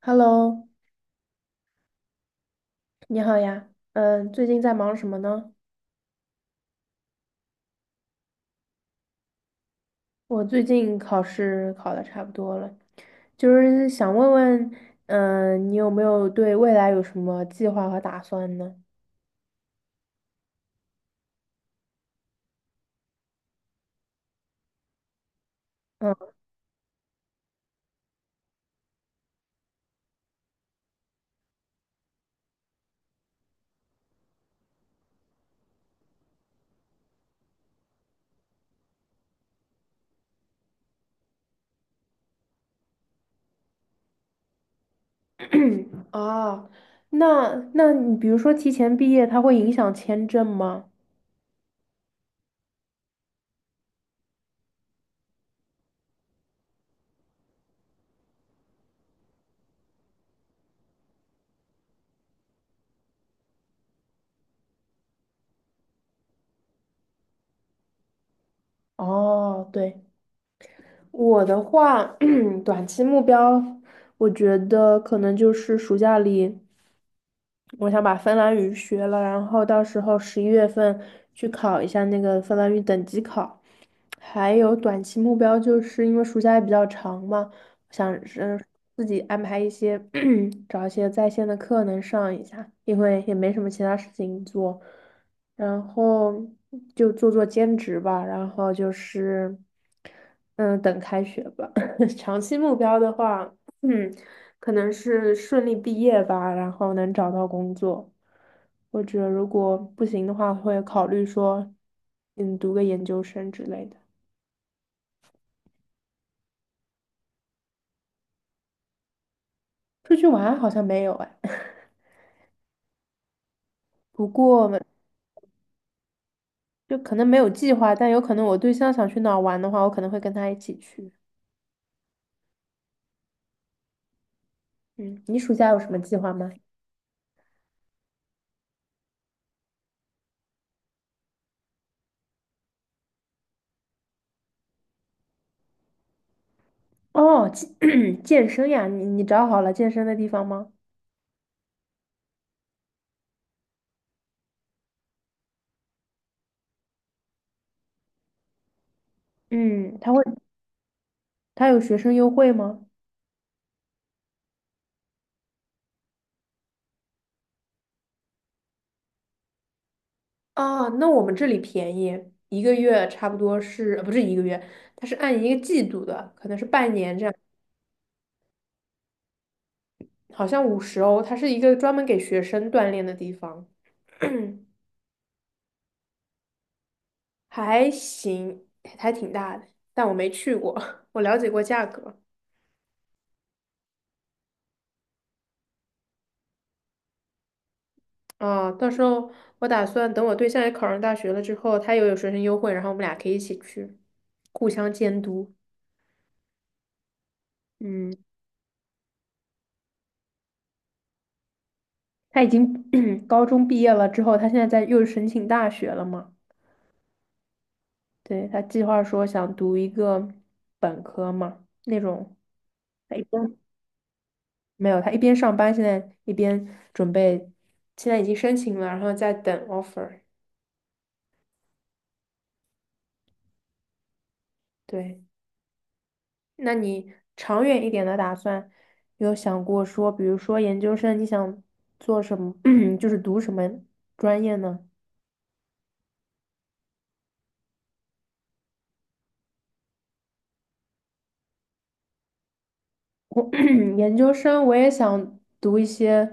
Hello，你好呀。最近在忙什么呢？我最近考试考的差不多了，就是想问问，你有没有对未来有什么计划和打算呢？嗯，啊，那你比如说提前毕业，它会影响签证吗？哦，对，我的话，短期目标，我觉得可能就是暑假里。我想把芬兰语学了，然后到时候11月份去考一下那个芬兰语等级考。还有短期目标，就是因为暑假也比较长嘛，自己安排一些，找一些在线的课能上一下，因为也没什么其他事情做，然后就做做兼职吧，然后就是，嗯，等开学吧。长期目标的话，嗯，可能是顺利毕业吧，然后能找到工作，或者如果不行的话，会考虑说，读个研究生之类的。出去玩好像没有哎。不过，就可能没有计划，但有可能我对象想去哪儿玩的话，我可能会跟他一起去。嗯，你暑假有什么计划吗？哦，健身呀，你找好了健身的地方吗？嗯，他有学生优惠吗？啊，那我们这里便宜，一个月差不多是，不是一个月，他是按一个季度的，可能是半年这样，好像50欧，他是一个专门给学生锻炼的地方，还行，还挺大的，但我没去过，我了解过价格。啊，到时候我打算等我对象也考上大学了之后，他又有学生优惠，然后我们俩可以一起去，互相监督。嗯，他已经 高中毕业了之后，他现在在又申请大学了嘛？对，他计划说想读一个本科嘛，那种他一边没有，他一边上班，现在一边准备，现在已经申请了，然后在等 offer。对。那你长远一点的打算，有想过说，比如说研究生，你想做什么，就是读什么专业呢？我 研究生我也想读一些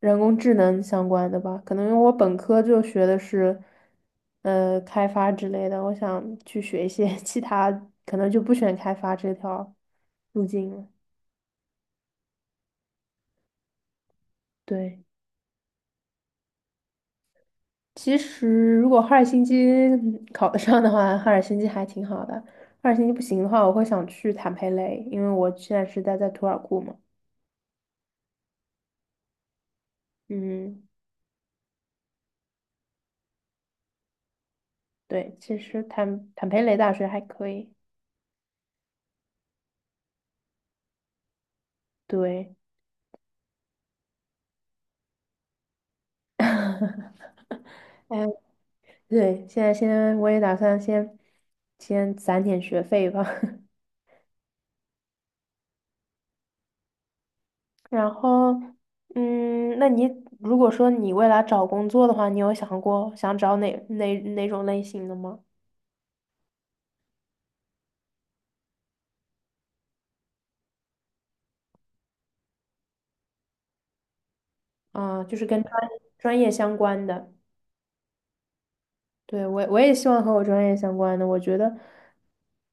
人工智能相关的吧，可能因为我本科就学的是开发之类的，我想去学一些 其他，可能就不选开发这条路径了。对。其实，如果哈尔辛基考得上的话，哈尔辛基还挺好的。哈尔辛基不行的话，我会想去坦佩雷，因为我现在是待在图尔库嘛。嗯，对，其实坦佩雷大学还可以。对，哎，对，现在先我也打算先攒点学费吧。然后，那你如果说你未来找工作的话，你有想过想找哪种类型的吗？啊，就是跟专业相关的。对，我也希望和我专业相关的。我觉得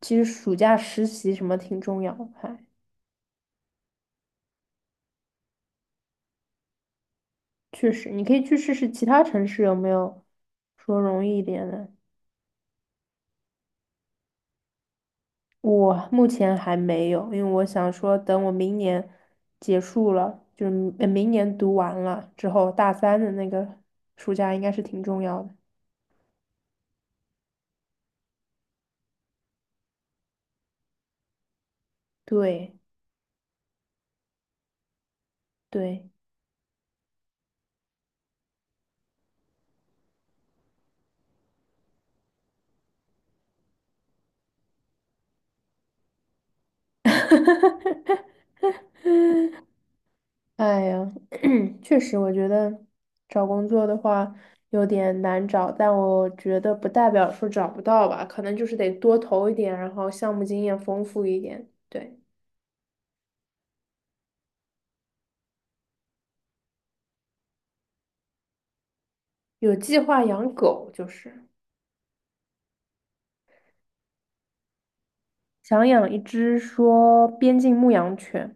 其实暑假实习什么挺重要的，确实，你可以去试试其他城市有没有说容易一点的。我目前还没有，因为我想说等我明年结束了，就是明年读完了之后，大三的那个暑假应该是挺重要的。对对。哎呀，确实，我觉得找工作的话有点难找，但我觉得不代表说找不到吧，可能就是得多投一点，然后项目经验丰富一点。对，有计划养狗，就是想养一只说边境牧羊犬，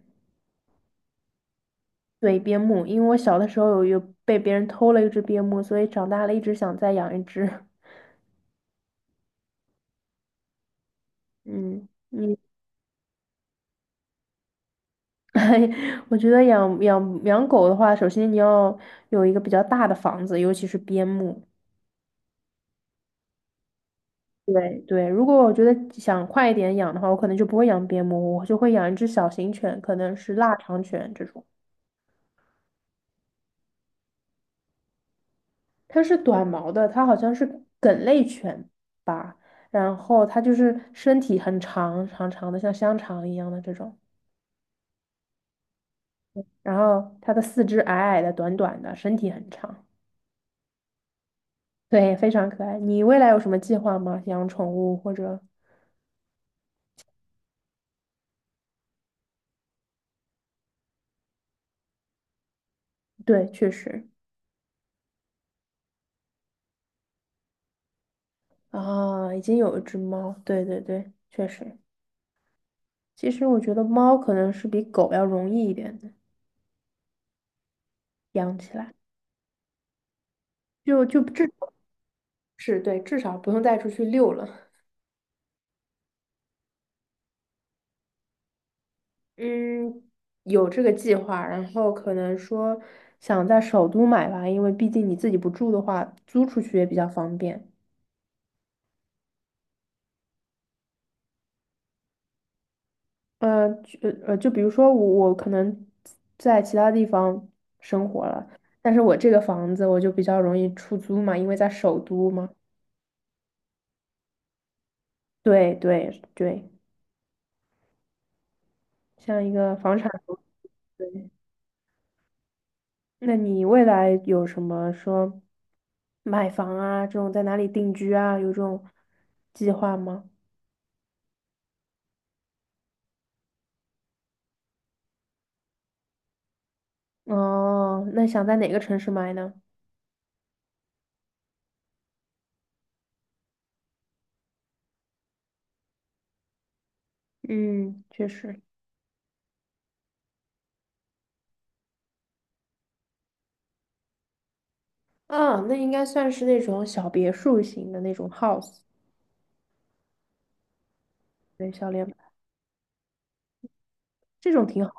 对，边牧，因为我小的时候有被别人偷了一只边牧，所以长大了一直想再养一只。嗯。我觉得养狗的话，首先你要有一个比较大的房子，尤其是边牧。对对，如果我觉得想快一点养的话，我可能就不会养边牧，我就会养一只小型犬，可能是腊肠犬这种。它是短毛的，它好像是梗类犬吧，然后它就是身体很长长长的，像香肠一样的这种，然后它的四肢矮矮的、短短的，身体很长，对，非常可爱。你未来有什么计划吗？养宠物或者？对，确实啊，已经有一只猫，对对对，确实。其实我觉得猫可能是比狗要容易一点的养起来，就至少是对，至少不用带出去遛了。嗯，有这个计划，然后可能说想在首都买吧，因为毕竟你自己不住的话，租出去也比较方便。呃，就就比如说我可能在其他地方生活了，但是我这个房子我就比较容易出租嘛，因为在首都嘛。对对对，像一个房产投资对，那你未来有什么说买房啊，这种在哪里定居啊，有这种计划吗？哦，那想在哪个城市买呢？嗯，确实。啊，那应该算是那种小别墅型的那种 house，对，小联排这种挺好，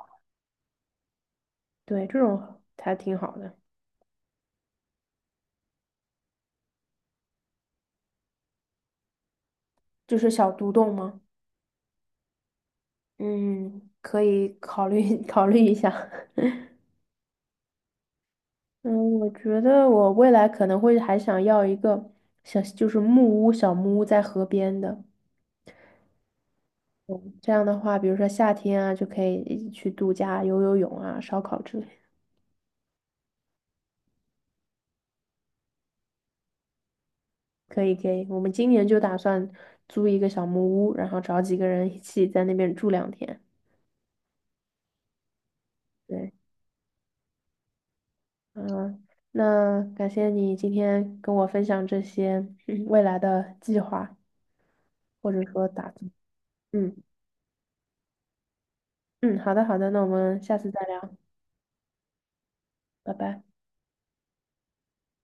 对，这种还挺好的，就是小独栋吗？嗯，可以考虑 考虑一下。嗯，我觉得我未来可能会还想要一个小，就是木屋、小木屋在河边的。嗯这样的话，比如说夏天啊，就可以去度假、游游泳啊、烧烤之类。可以，可以。我们今年就打算租一个小木屋，然后找几个人一起在那边住2天。对，嗯，那感谢你今天跟我分享这些未来的计划，或者说打算。嗯嗯，好的，好的，那我们下次再聊，拜拜。